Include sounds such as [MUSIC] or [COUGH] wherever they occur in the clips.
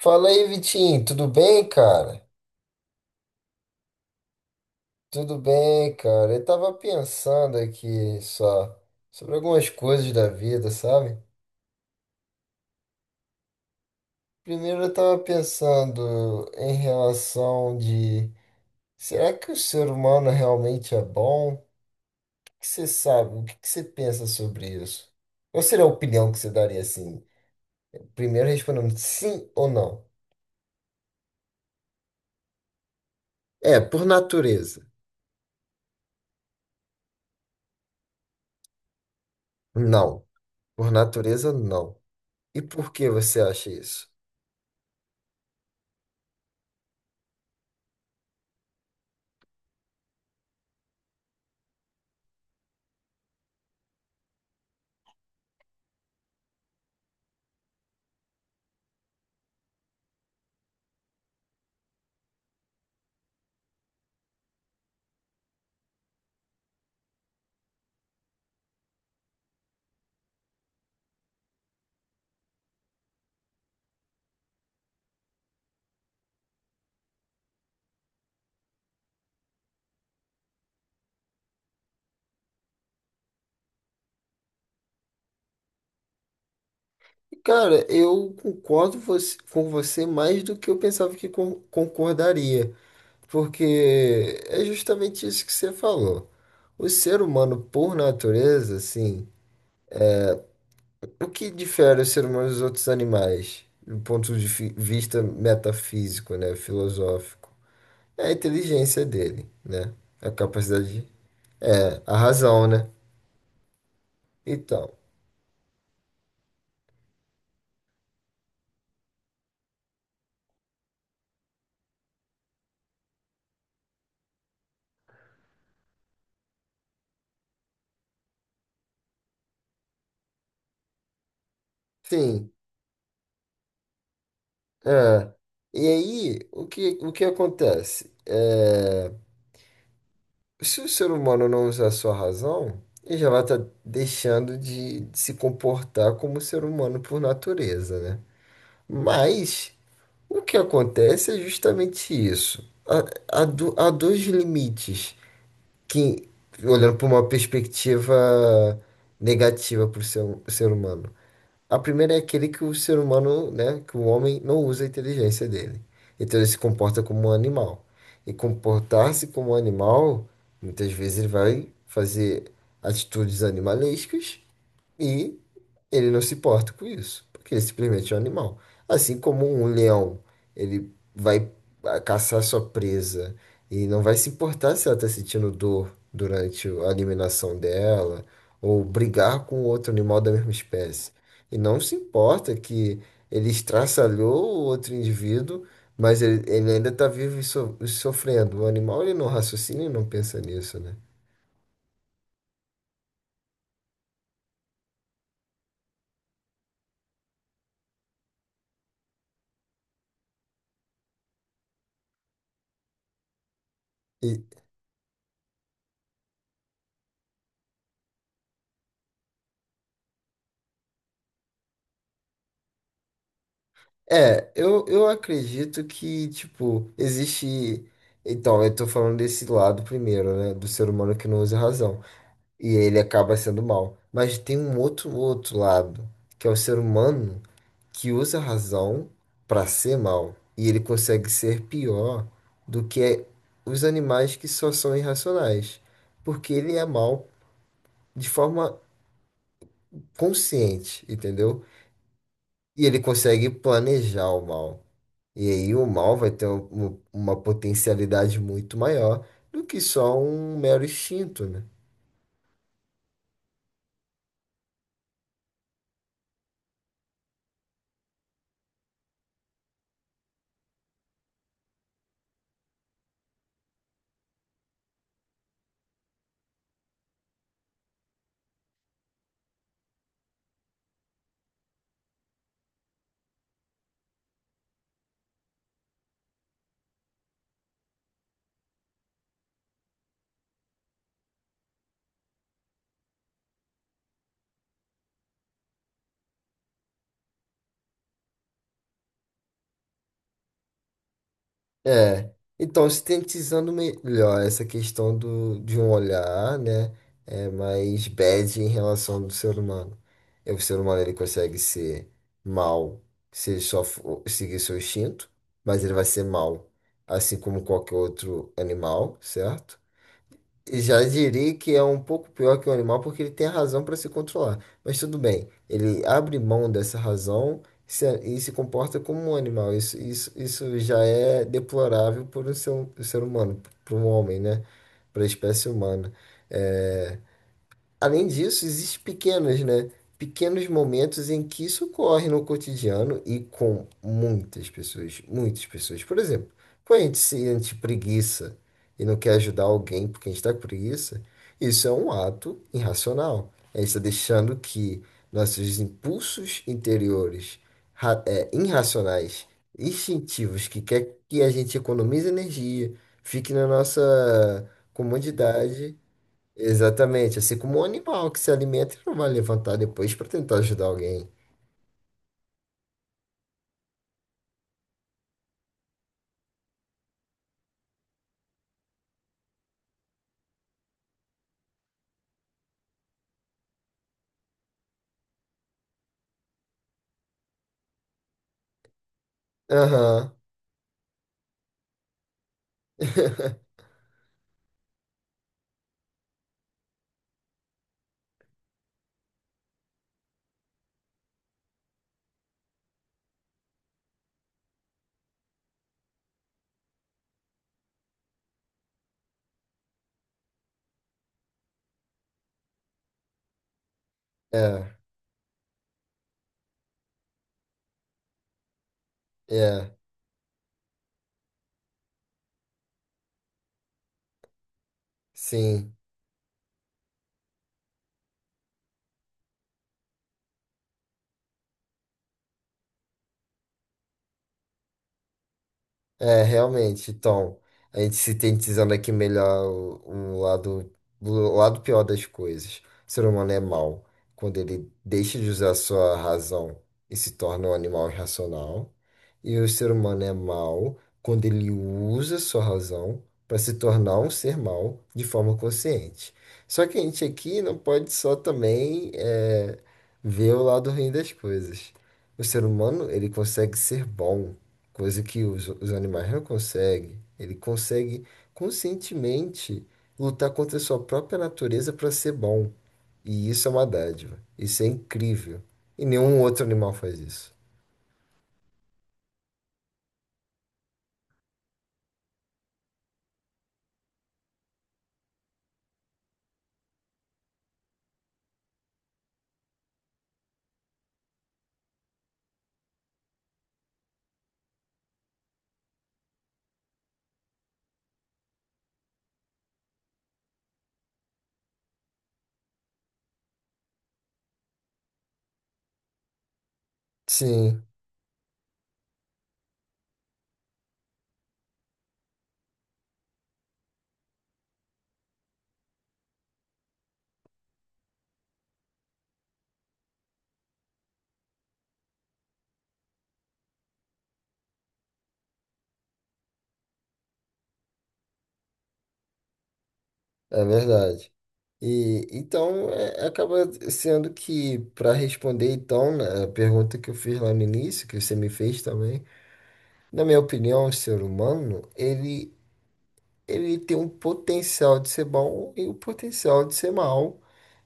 Fala aí, Vitinho, tudo bem, cara? Tudo bem, cara. Eu tava pensando aqui só sobre algumas coisas da vida, sabe? Primeiro eu tava pensando em relação de será que o ser humano realmente é bom? O que que você sabe? O que que você pensa sobre isso? Qual seria a opinião que você daria assim? Primeiro respondendo sim ou não. É, por natureza. Não. Por natureza, não. E por que você acha isso? Cara, eu concordo com você mais do que eu pensava que concordaria, porque é justamente isso que você falou. O ser humano, por natureza, assim, o que difere o ser humano dos outros animais, do ponto de vista metafísico, né, filosófico, é a inteligência dele, né? A capacidade de... É, a razão, né? Então, sim, é. E aí, o que acontece? Se o ser humano não usar a sua razão, ele já vai estar deixando de se comportar como ser humano por natureza, né? Mas o que acontece é justamente isso. Há dois limites que, olhando por uma perspectiva negativa para o ser humano. A primeira é aquele que o ser humano, né, que o homem não usa a inteligência dele. Então ele se comporta como um animal. E comportar-se como um animal, muitas vezes ele vai fazer atitudes animalescas e ele não se importa com isso, porque ele simplesmente é um animal. Assim como um leão, ele vai caçar sua presa e não vai se importar se ela está sentindo dor durante a eliminação dela ou brigar com outro animal da mesma espécie. E não se importa que ele estraçalhou o outro indivíduo, mas ele ainda está vivo e, e sofrendo. O animal ele não raciocina e não pensa nisso, né? E, É, eu acredito que, tipo, existe. Então, eu tô falando desse lado primeiro, né? Do ser humano que não usa razão. E ele acaba sendo mal. Mas tem um outro lado, que é o ser humano que usa a razão pra ser mal. E ele consegue ser pior do que os animais que só são irracionais. Porque ele é mal de forma consciente, entendeu? E ele consegue planejar o mal. E aí o mal vai ter uma potencialidade muito maior do que só um mero instinto, né? É, então sintetizando melhor essa questão do, de um olhar, né, é mais bad em relação do ser humano. É, o ser humano ele consegue ser mal se ele só for seguir seu instinto, mas ele vai ser mal, assim como qualquer outro animal, certo? Já direi que é um pouco pior que o animal porque ele tem a razão para se controlar. Mas tudo bem, ele abre mão dessa razão e se comporta como um animal. Isso já é deplorável por um um ser humano, para um homem, né? Para a espécie humana. É, além disso, existem pequenos, né? Pequenos momentos em que isso ocorre no cotidiano e com muitas pessoas, muitas pessoas. Por exemplo, quando a gente sente preguiça e não quer ajudar alguém porque a gente está com preguiça, isso é um ato irracional. A gente está deixando que nossos impulsos interiores, irracionais, instintivos, que quer que a gente economize energia, fique na nossa comodidade. Exatamente, assim como um animal que se alimenta e não vai levantar depois para tentar ajudar alguém. Aham. [LAUGHS] É, é, sim. É, realmente. Então, a gente se sintetizando aqui melhor o lado, o lado pior das coisas. O ser humano é mau quando ele deixa de usar sua razão e se torna um animal irracional. E o ser humano é mau quando ele usa sua razão para se tornar um ser mau de forma consciente. Só que a gente aqui não pode só também é, ver o lado ruim das coisas. O ser humano, ele consegue ser bom, coisa que os animais não conseguem. Ele consegue conscientemente lutar contra a sua própria natureza para ser bom. E isso é uma dádiva. Isso é incrível. E nenhum outro animal faz isso. Sim, é verdade. E então acaba sendo que para responder então, né, a pergunta que eu fiz lá no início, que você me fez também, na minha opinião, o ser humano, ele tem um potencial de ser bom e o potencial de ser mal,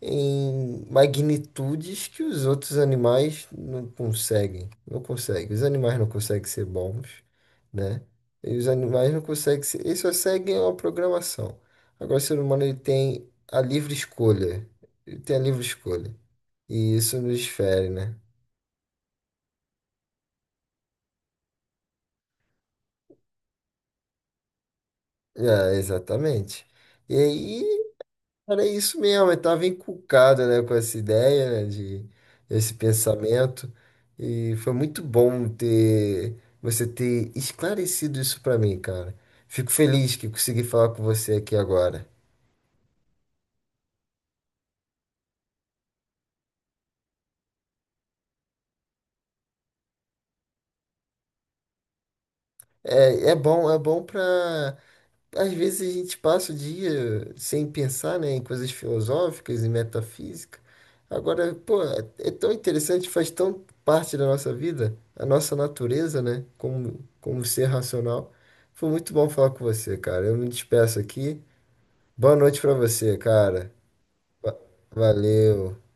em magnitudes que os outros animais não conseguem. Não conseguem. Os animais não conseguem ser bons, né? E os animais não conseguem ser. Eles só seguem uma programação. Agora, o ser humano ele tem a livre escolha. Ele tem a livre escolha. E isso nos fere, né? É, exatamente. E aí, cara, é isso mesmo, eu estava encucado, né, com essa ideia, né, de esse pensamento, e foi muito bom ter você ter esclarecido isso para mim, cara. Fico feliz que consegui falar com você aqui agora. É bom para às vezes a gente passa o dia sem pensar, né, em coisas filosóficas e metafísica. Agora, pô, é tão interessante, faz tão parte da nossa vida, a nossa natureza, né, como, como ser racional. Foi muito bom falar com você, cara. Eu me despeço aqui. Boa noite pra você, cara. Va- Valeu.